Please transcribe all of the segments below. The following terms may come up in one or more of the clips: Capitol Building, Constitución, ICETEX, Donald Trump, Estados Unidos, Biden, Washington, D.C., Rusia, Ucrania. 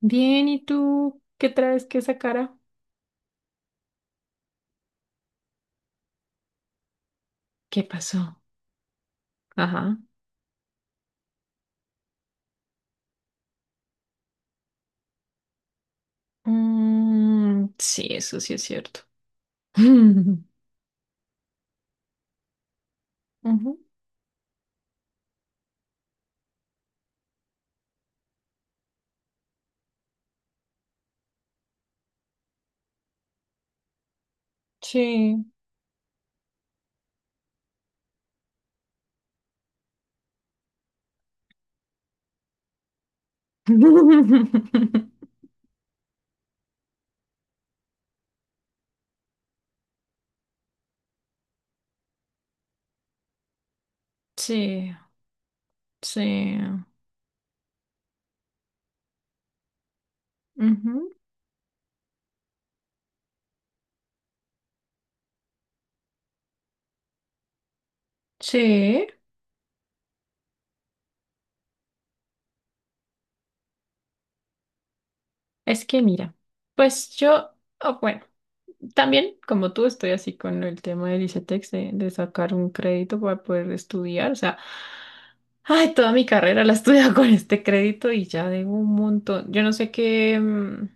Bien, ¿y tú qué traes que esa cara? ¿Qué pasó? Ajá. Mm, sí, eso sí es cierto. Ujú. Sí. Sí, sí. Ujú. Sí. Es que mira, pues yo, oh, bueno, también como tú estoy así con el tema del ICETEX de sacar un crédito para poder estudiar. O sea, ay, toda mi carrera la he estudiado con este crédito y ya debo un montón. Yo no sé qué.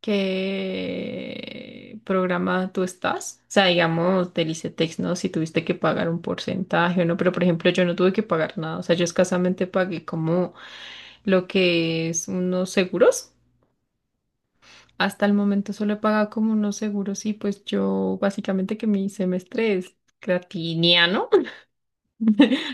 Qué programa tú estás. O sea, digamos, del ICETEX, ¿no? Si tuviste que pagar un porcentaje o no, pero por ejemplo, yo no tuve que pagar nada. O sea, yo escasamente pagué como lo que es unos seguros. Hasta el momento solo he pagado como unos seguros y pues yo básicamente que mi semestre es gratiniano.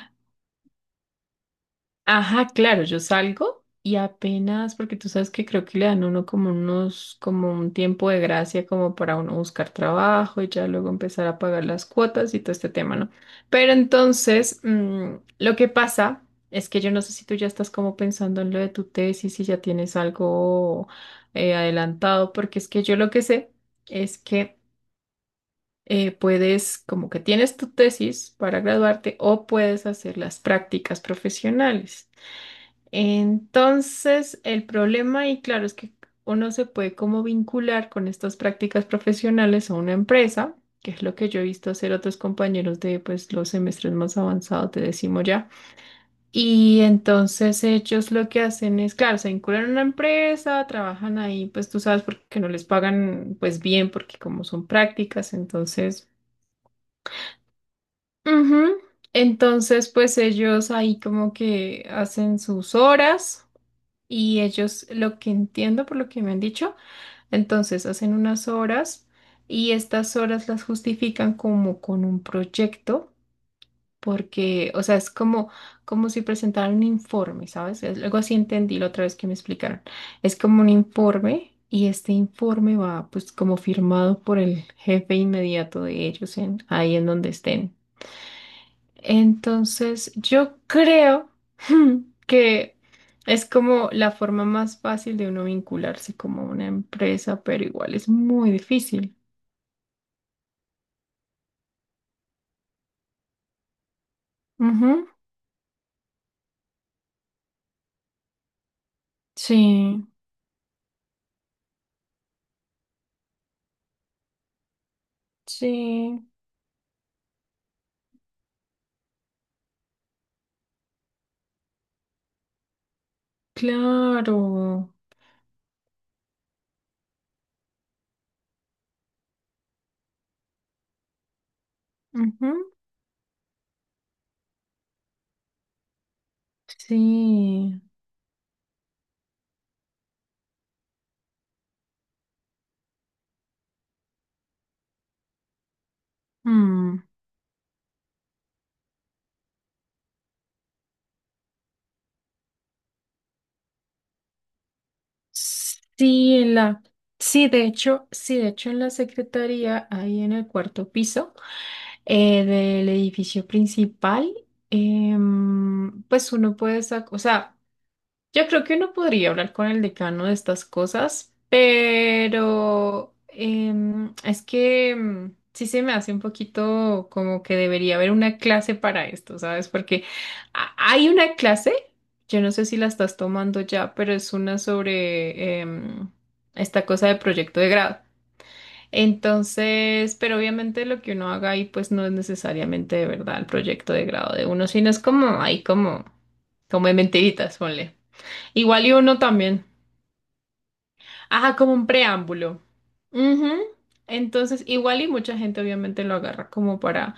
Ajá, claro, yo salgo y apenas, porque tú sabes que creo que le dan a uno como unos, como un tiempo de gracia como para uno buscar trabajo y ya luego empezar a pagar las cuotas y todo este tema, ¿no? Pero entonces, lo que pasa es que yo no sé si tú ya estás como pensando en lo de tu tesis, si ya tienes algo adelantado, porque es que yo lo que sé es que puedes, como que tienes tu tesis para graduarte o puedes hacer las prácticas profesionales. Entonces, el problema, y claro, es que uno se puede como vincular con estas prácticas profesionales a una empresa, que es lo que yo he visto hacer otros compañeros de pues los semestres más avanzados, te decimos ya. Y entonces ellos lo que hacen es, claro, se vinculan a una empresa, trabajan ahí, pues tú sabes, porque no les pagan pues bien, porque como son prácticas, entonces... Ujú. Entonces, pues ellos ahí como que hacen sus horas. Y ellos, lo que entiendo por lo que me han dicho, entonces hacen unas horas y estas horas las justifican como con un proyecto, porque, o sea, es como, como si presentaran un informe, ¿sabes? Es- algo así entendí la otra vez que me explicaron. Es como un informe y este informe va pues como firmado por el jefe inmediato de ellos en, ahí en donde estén. Entonces, yo creo que es como la forma más fácil de uno vincularse como a una empresa, pero igual es muy difícil. Ujú. Sí, sí, claro. Ujú. Sí. Mm. Sí, en la, sí, de hecho en la secretaría, ahí en el cuarto piso del edificio principal, pues uno puede sacar, o sea, yo creo que uno podría hablar con el decano de estas cosas, pero es que sí se me hace un poquito como que debería haber una clase para esto, ¿sabes? Porque hay una clase, yo no sé si la estás tomando ya, pero es una sobre esta cosa de proyecto de grado. Entonces, pero obviamente lo que uno haga ahí pues no es necesariamente de verdad el proyecto de grado de uno, sino es como ahí como, como de mentiritas, ponle. Igual y uno también. Ajá, como un preámbulo. Ujú. Entonces, igual y mucha gente obviamente lo agarra como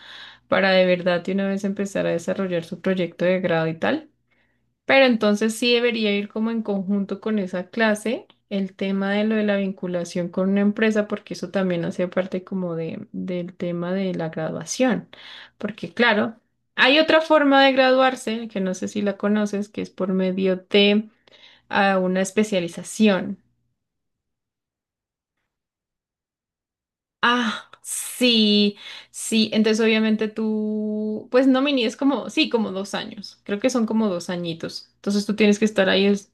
para de verdad de una vez empezar a desarrollar su proyecto de grado y tal. Pero entonces sí debería ir como en conjunto con esa clase el tema de lo de la vinculación con una empresa, porque eso también hace parte como de, del tema de la graduación. Porque claro, hay otra forma de graduarse, que no sé si la conoces, que es por medio de a una especialización. Ah, sí, sí. Entonces, obviamente tú, pues no mini, es como, sí, como 2 años. Creo que son como 2 añitos. Entonces tú tienes que estar ahí.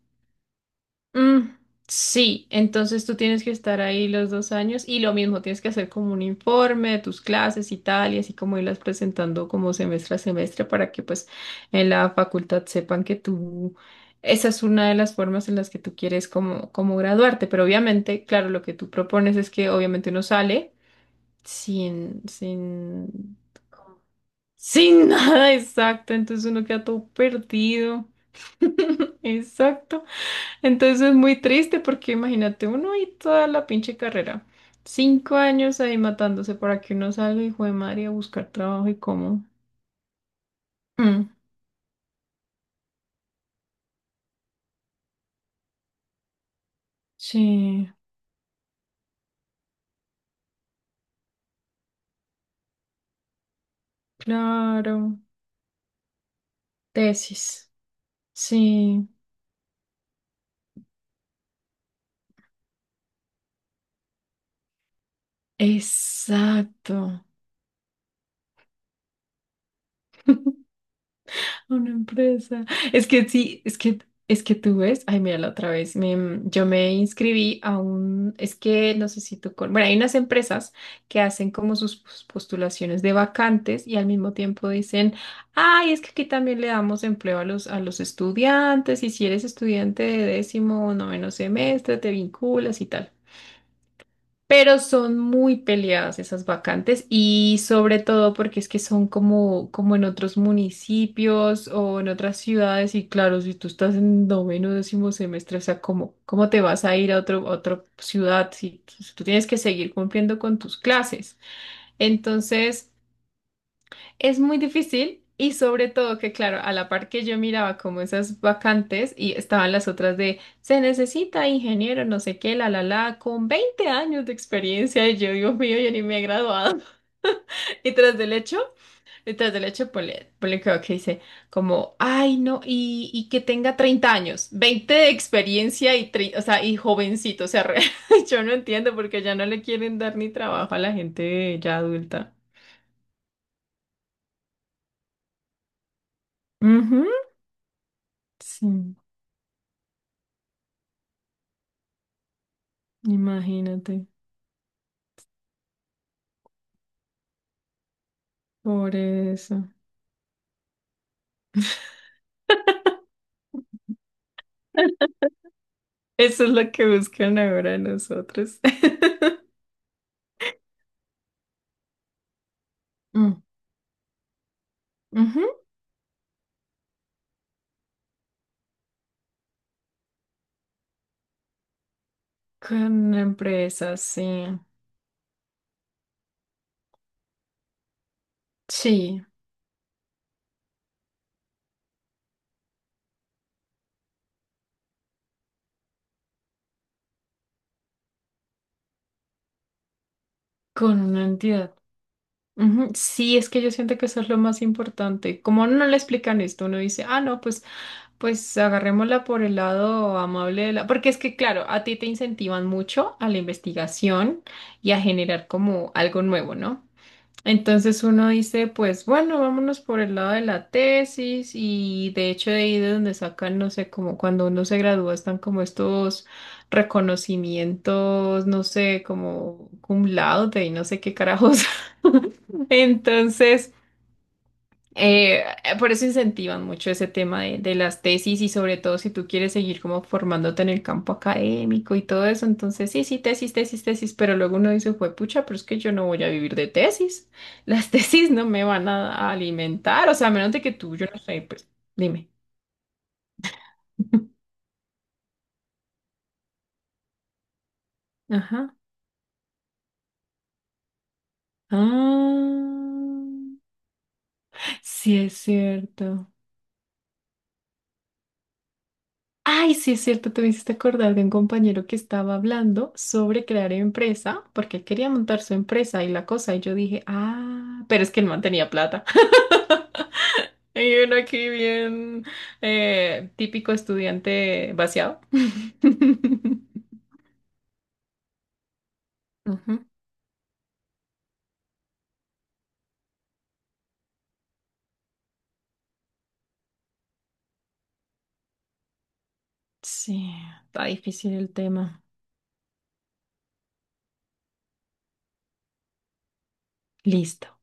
Mm, sí, entonces tú tienes que estar ahí los 2 años y lo mismo, tienes que hacer como un informe de tus clases y tal, y así como irlas presentando como semestre a semestre para que pues en la facultad sepan que tú, esa es una de las formas en las que tú quieres como, como graduarte. Pero obviamente, claro, lo que tú propones es que obviamente uno sale sin, ¿cómo? Sin nada exacto, entonces uno queda todo perdido, exacto, entonces es muy triste porque imagínate uno y toda la pinche carrera, 5 años ahí matándose para que uno salga, hijo de madre, a buscar trabajo y cómo. Mm, sí, claro, tesis, sí, exacto. Una empresa. Es que sí, es que tú ves, ay, mira la otra vez, yo me inscribí a un, es que no sé si tú, con, bueno, hay unas empresas que hacen como sus postulaciones de vacantes y al mismo tiempo dicen, ay, es que aquí también le damos empleo a los estudiantes y si eres estudiante de décimo o noveno semestre, te vinculas y tal. Pero son muy peleadas esas vacantes y sobre todo porque es que son como, como en otros municipios o en otras ciudades y claro, si tú estás en noveno, décimo semestre, o sea, ¿cómo, cómo te vas a ir a otro, a otra ciudad si, si tú tienes que seguir cumpliendo con tus clases? Entonces... Es muy difícil y sobre todo que, claro, a la par que yo miraba como esas vacantes y estaban las otras de se necesita ingeniero, no sé qué, la, con 20 años de experiencia y yo, Dios mío, yo ni me he graduado. Y tras del hecho, y tras del hecho, ponle, ponle cuidado que ok, dice como, ay, no, y que tenga 30 años, 20 de experiencia y, o sea, y jovencito, o sea, yo no entiendo porque ya no le quieren dar ni trabajo a la gente ya adulta. Ujú, sí. Imagínate, por eso. Eso es lo que buscan ahora nosotros. Mm, ujú. Con una empresa, sí. Sí, con una entidad. Ujú. Sí, es que yo siento que eso es lo más importante. Como a uno no le explican esto, uno dice, ah, no, pues, pues agarrémosla por el lado amable de la. Porque es que, claro, a ti te incentivan mucho a la investigación y a generar como algo nuevo, ¿no? Entonces uno dice, pues bueno, vámonos por el lado de la tesis y de hecho de ahí de donde sacan, no sé, como cuando uno se gradúa están como estos reconocimientos, no sé, como cum laude y no sé qué carajos. Entonces, por eso incentivan mucho ese tema de las tesis y sobre todo si tú quieres seguir como formándote en el campo académico y todo eso, entonces sí, sí, tesis, tesis, tesis, pero luego uno dice, fue pucha, pero es que yo no voy a vivir de tesis, las tesis no me van a alimentar, o sea, a menos de que tú, yo no sé, pues dime. Ajá. Ah, sí es cierto. Ay, sí, es cierto, te me hiciste acordar de un compañero que estaba hablando sobre crear empresa, porque él quería montar su empresa y la cosa, y yo dije, ah, pero es que él no tenía plata. Y uno aquí bien típico estudiante vaciado. Ujú. Sí, está difícil el tema. Listo.